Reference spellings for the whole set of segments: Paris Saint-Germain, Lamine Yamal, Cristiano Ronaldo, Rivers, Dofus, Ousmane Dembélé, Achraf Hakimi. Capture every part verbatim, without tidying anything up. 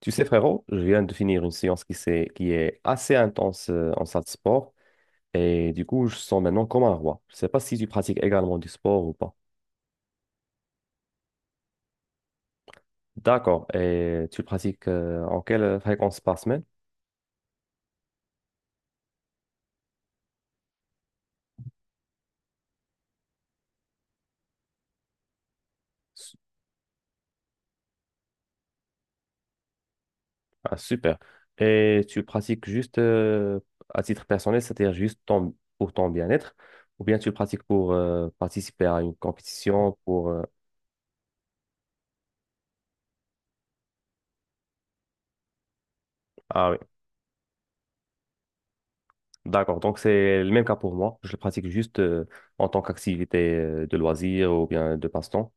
Tu sais, frérot, je viens de finir une séance qui, s'est- qui est assez intense euh, en salle de sport et du coup, je sens maintenant comme un roi. Je ne sais pas si tu pratiques également du sport ou pas. D'accord. Et tu pratiques euh, en quelle fréquence par semaine? Su- Ah, super. Et tu pratiques juste euh, à titre personnel, c'est-à-dire juste ton- pour ton bien-être ou bien tu pratiques pour euh, participer à une compétition pour... euh, ah oui. D'accord, donc c'est le même cas pour moi. Je le pratique juste euh, en tant qu'activité euh, de loisir ou bien de passe-temps.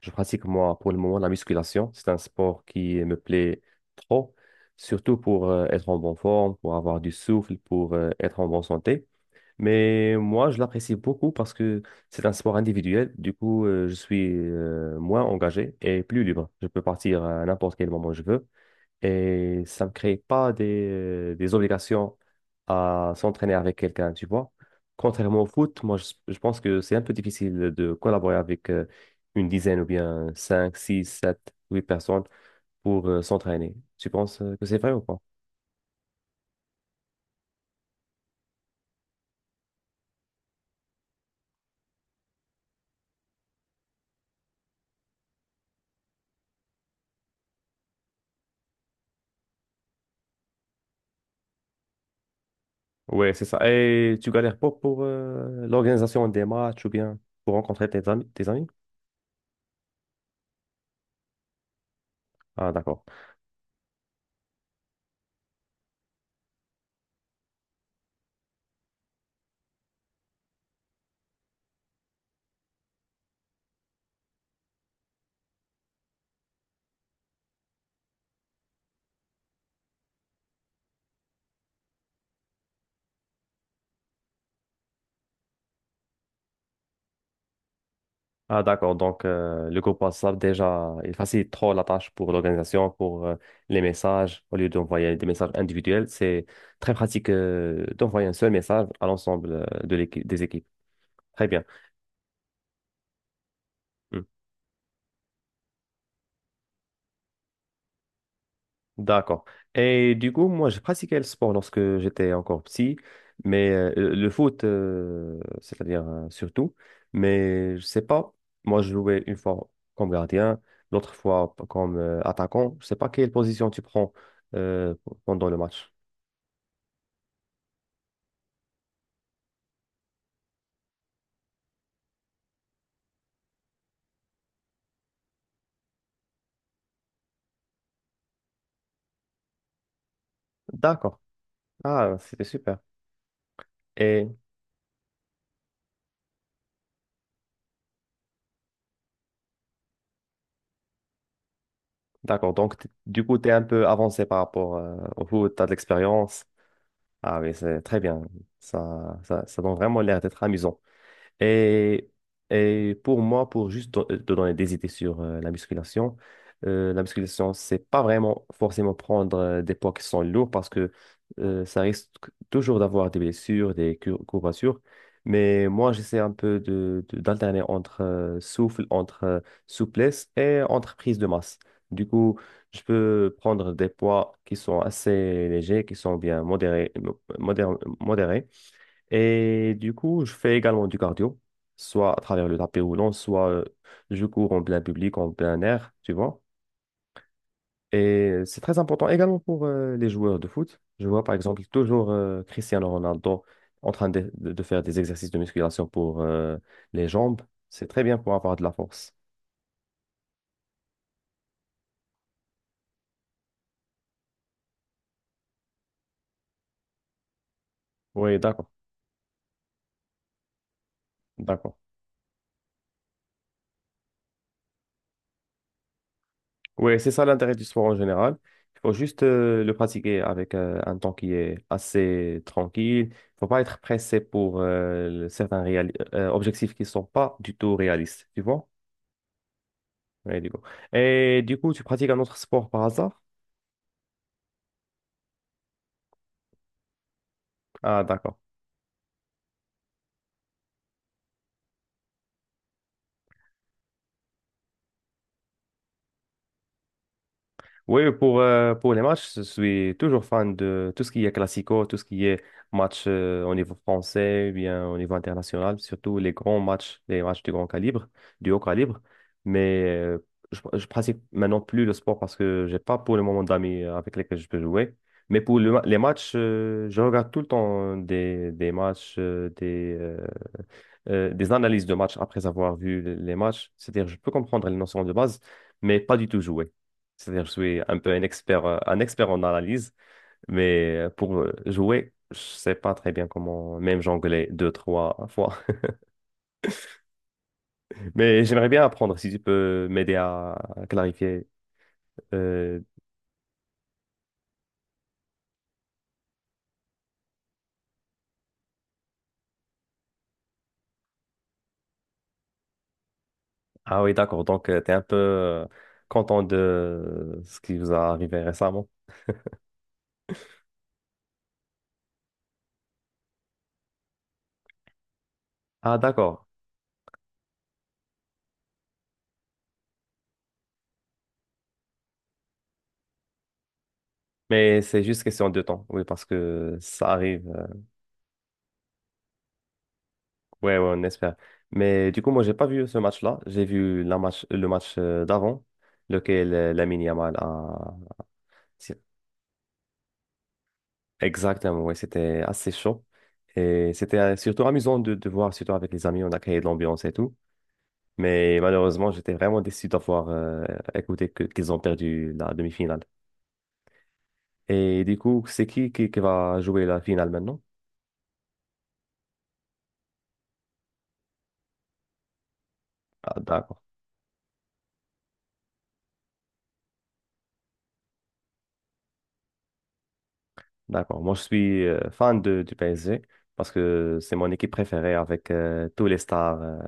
Je pratique moi pour le moment la musculation. C'est un sport qui me plaît trop, surtout pour euh, être en bonne forme, pour avoir du souffle, pour euh, être en bonne santé. Mais moi, je l'apprécie beaucoup parce que c'est un sport individuel. Du coup, euh, je suis euh, moins engagé et plus libre. Je peux partir à n'importe quel moment je veux et ça me crée pas des, des obligations à s'entraîner avec quelqu'un, tu vois. Contrairement au foot, moi, je, je pense que c'est un peu difficile de collaborer avec euh, une dizaine ou bien cinq six sept huit personnes pour euh, s'entraîner. Tu penses euh, que c'est vrai ou pas? Ouais, c'est ça. Et tu galères pas pour euh, l'organisation des matchs ou bien pour rencontrer tes amis, tes amis? Ah, d'accord. Ah, d'accord. Donc, euh, le groupe WhatsApp, déjà, il facilite trop la tâche pour l'organisation, pour euh, les messages. Au lieu d'envoyer des messages individuels, c'est très pratique euh, d'envoyer un seul message à l'ensemble euh, de l'équipe, des équipes. Très bien. D'accord. Et du coup, moi, j'ai pratiqué le sport lorsque j'étais encore petit, mais euh, le foot, euh, c'est-à-dire euh, surtout, mais je sais pas, moi, je jouais une fois comme gardien, l'autre fois p- comme euh, attaquant. Je sais pas quelle position tu prends euh, p- pendant le match. D'accord. Ah, c'était super. Et d'accord, donc t- du coup, tu es un peu avancé par rapport euh, au foot, tu as de l'expérience. Ah oui, c'est très bien. Ça, ça, ça donne vraiment l'air d'être amusant. Et, et pour moi, pour juste don- euh, te donner des idées sur euh, la musculation, euh, la musculation, c'est pas vraiment forcément prendre euh, des poids qui sont lourds parce que euh, ça risque toujours d'avoir des blessures, des cur- courbatures. Mais moi, j'essaie un peu de, de- d'alterner entre euh, souffle, entre euh, souplesse et entre prise de masse. Du coup, je peux prendre des poids qui sont assez légers, qui sont bien modérés, modérés, modérés et du coup, je fais également du cardio, soit à travers le tapis roulant, soit euh, je cours en plein public, en plein air, tu vois. Et c'est très important également pour euh, les joueurs de foot. Je vois par exemple toujours euh, Cristiano Ronaldo en train de, de- de faire des exercices de musculation pour euh, les jambes. C'est très bien pour avoir de la force. Oui, d'accord, d'accord. Oui, c'est ça l'intérêt du sport en général. Il faut juste euh, le pratiquer avec euh, un temps qui est assez tranquille. Il ne faut pas être pressé pour euh, le- certains réali- euh, objectifs qui ne sont pas du tout réalistes, tu vois? Ouais, du coup. Et du coup, tu pratiques un autre sport par hasard? Ah, d'accord. Oui, pour, euh, pour les matchs, je suis toujours fan de tout ce qui est classico, tout ce qui est match euh, au niveau français, ou bien au niveau international, surtout les grands matchs, les matchs de grand calibre, du haut calibre. Mais euh, je, je pratique maintenant plus le sport parce que j'ai pas pour le moment d'amis avec lesquels je peux jouer. Mais pour le ma- les matchs, euh, je regarde tout le temps des, des matchs, euh, des, euh, euh, des analyses de matchs après avoir vu le- les matchs. C'est-à-dire, je peux comprendre les notions de base, mais pas du tout jouer. C'est-à-dire, je suis un peu un expert, euh, un expert en analyse, mais euh, pour euh, jouer, je sais pas très bien comment même jongler deux, trois fois. Mais j'aimerais bien apprendre si tu peux m'aider à, à clarifier. Euh, ah oui, d'accord. Donc, tu es un peu euh, content de euh, ce qui vous est arrivé récemment. Ah, d'accord. Mais c'est juste question de temps, oui, parce que ça arrive. euh, Ouais, ouais, on espère. Mais du coup, moi, j'ai pas vu ce match-là. J'ai vu la match, le match euh, d'avant, lequel euh, Lamine Yamal a... c'est- Exactement, ouais, c'était assez chaud. Et c'était euh, surtout amusant de, de voir, surtout avec les amis, on a créé de l'ambiance et tout. Mais malheureusement, j'étais vraiment déçu d'avoir euh, écouté que- qu'ils ont perdu la demi-finale. Et du coup, c'est qui, qui qui va jouer la finale maintenant? Ah, d'accord. D'accord. Moi, je suis euh, fan de, du P S G parce que c'est mon équipe préférée avec euh, tous les stars euh,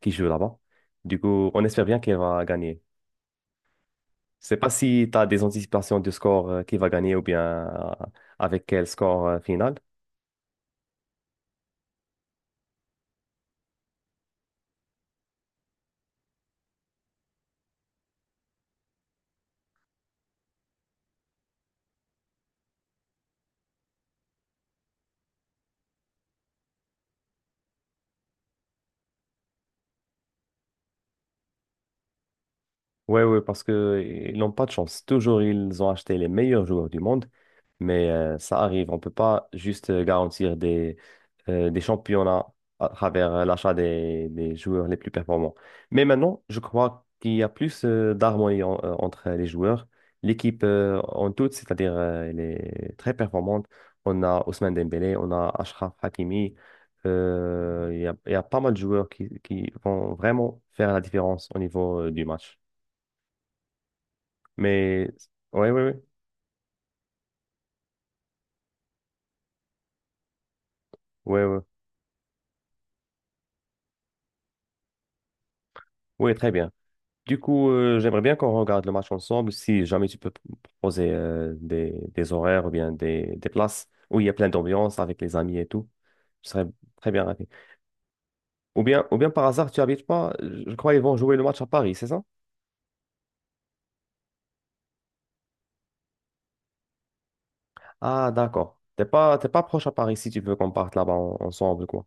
qui jouent là-bas. Du coup, on espère bien qu'elle va gagner. Je sais pas si tu as des anticipations du score euh, qui va gagner ou bien euh, avec quel score euh, final. Ouais, ouais, parce que ils n'ont pas de chance. Toujours, ils ont acheté les meilleurs joueurs du monde, mais euh, ça arrive. On ne peut pas juste euh, garantir des, euh, des championnats à travers euh, l'achat des, des joueurs les plus performants. Mais maintenant, je crois qu'il y a plus euh, d'harmonie en- euh, entre les joueurs. L'équipe euh, en toute, c'est-à-dire, euh, elle est très performante. On a Ousmane Dembélé, on a Achraf Hakimi. Euh, Il y a, il y a pas mal de joueurs qui, qui vont vraiment faire la différence au niveau euh, du match. Mais ouais, ouais, ouais, ouais, ouais, Ouais, très bien. Du coup, euh, j'aimerais bien qu'on regarde le match ensemble. Si jamais tu peux p- proposer euh, des, des horaires ou bien des, des places où il y a plein d'ambiance avec les amis et tout, je serais très bien ravi. Ou bien, ou bien par hasard, tu habites pas? Je crois qu'ils vont jouer le match à Paris, c'est ça? Ah, d'accord. T'es pas, t'es pas proche à Paris si tu veux qu'on parte là-bas en- ensemble, quoi.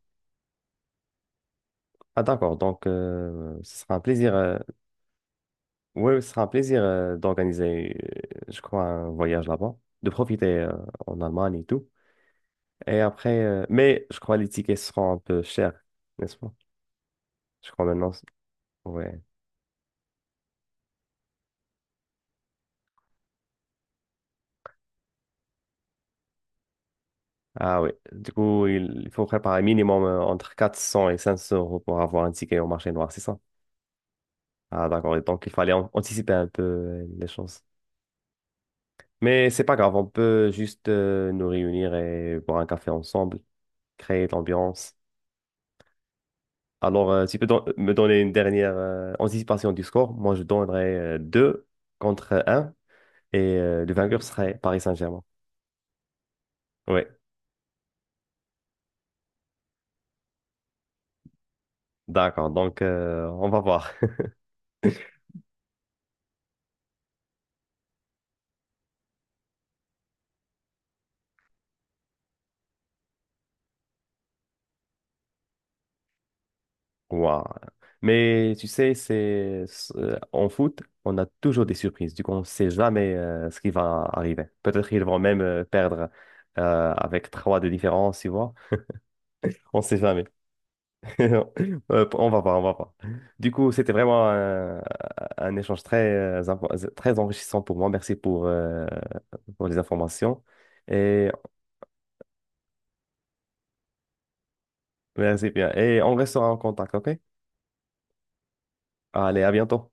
Ah, d'accord. Donc, euh, ce sera un plaisir. euh, Oui, ce sera un plaisir euh, d'organiser, euh, je crois, un voyage là-bas, de profiter euh, en Allemagne et tout. Et après, euh, mais je crois les tickets seront un peu chers, n'est-ce pas? Je crois maintenant, c'est- ouais. Ah oui, du coup, il il faut préparer minimum euh, entre quatre cents et cinq cents euros pour avoir un ticket au marché noir, c'est ça? Ah d'accord, et donc il fallait an- anticiper un peu euh, les choses. Mais c'est pas grave, on peut juste euh, nous réunir et boire un café ensemble, créer de l'ambiance. Alors, euh, si tu peux don- me donner une dernière euh, anticipation du score. Moi, je donnerais euh, deux contre un et euh, le vainqueur serait Paris Saint-Germain. Oui, d'accord. Donc, euh, on va voir. Waouh. Mais tu sais, c'est c'est- en foot, on a toujours des surprises. Du coup, on ne sait jamais euh, ce qui va arriver. Peut-être qu'ils vont même euh, perdre euh, avec trois de différence, tu vois. On ne sait jamais. Non. Euh, on va pas, on va pas. Du coup, c'était vraiment un, un échange très, euh, impo- très enrichissant pour moi. Merci pour, euh, pour les informations. Et merci bien. Et on restera en contact, OK? Allez, à bientôt.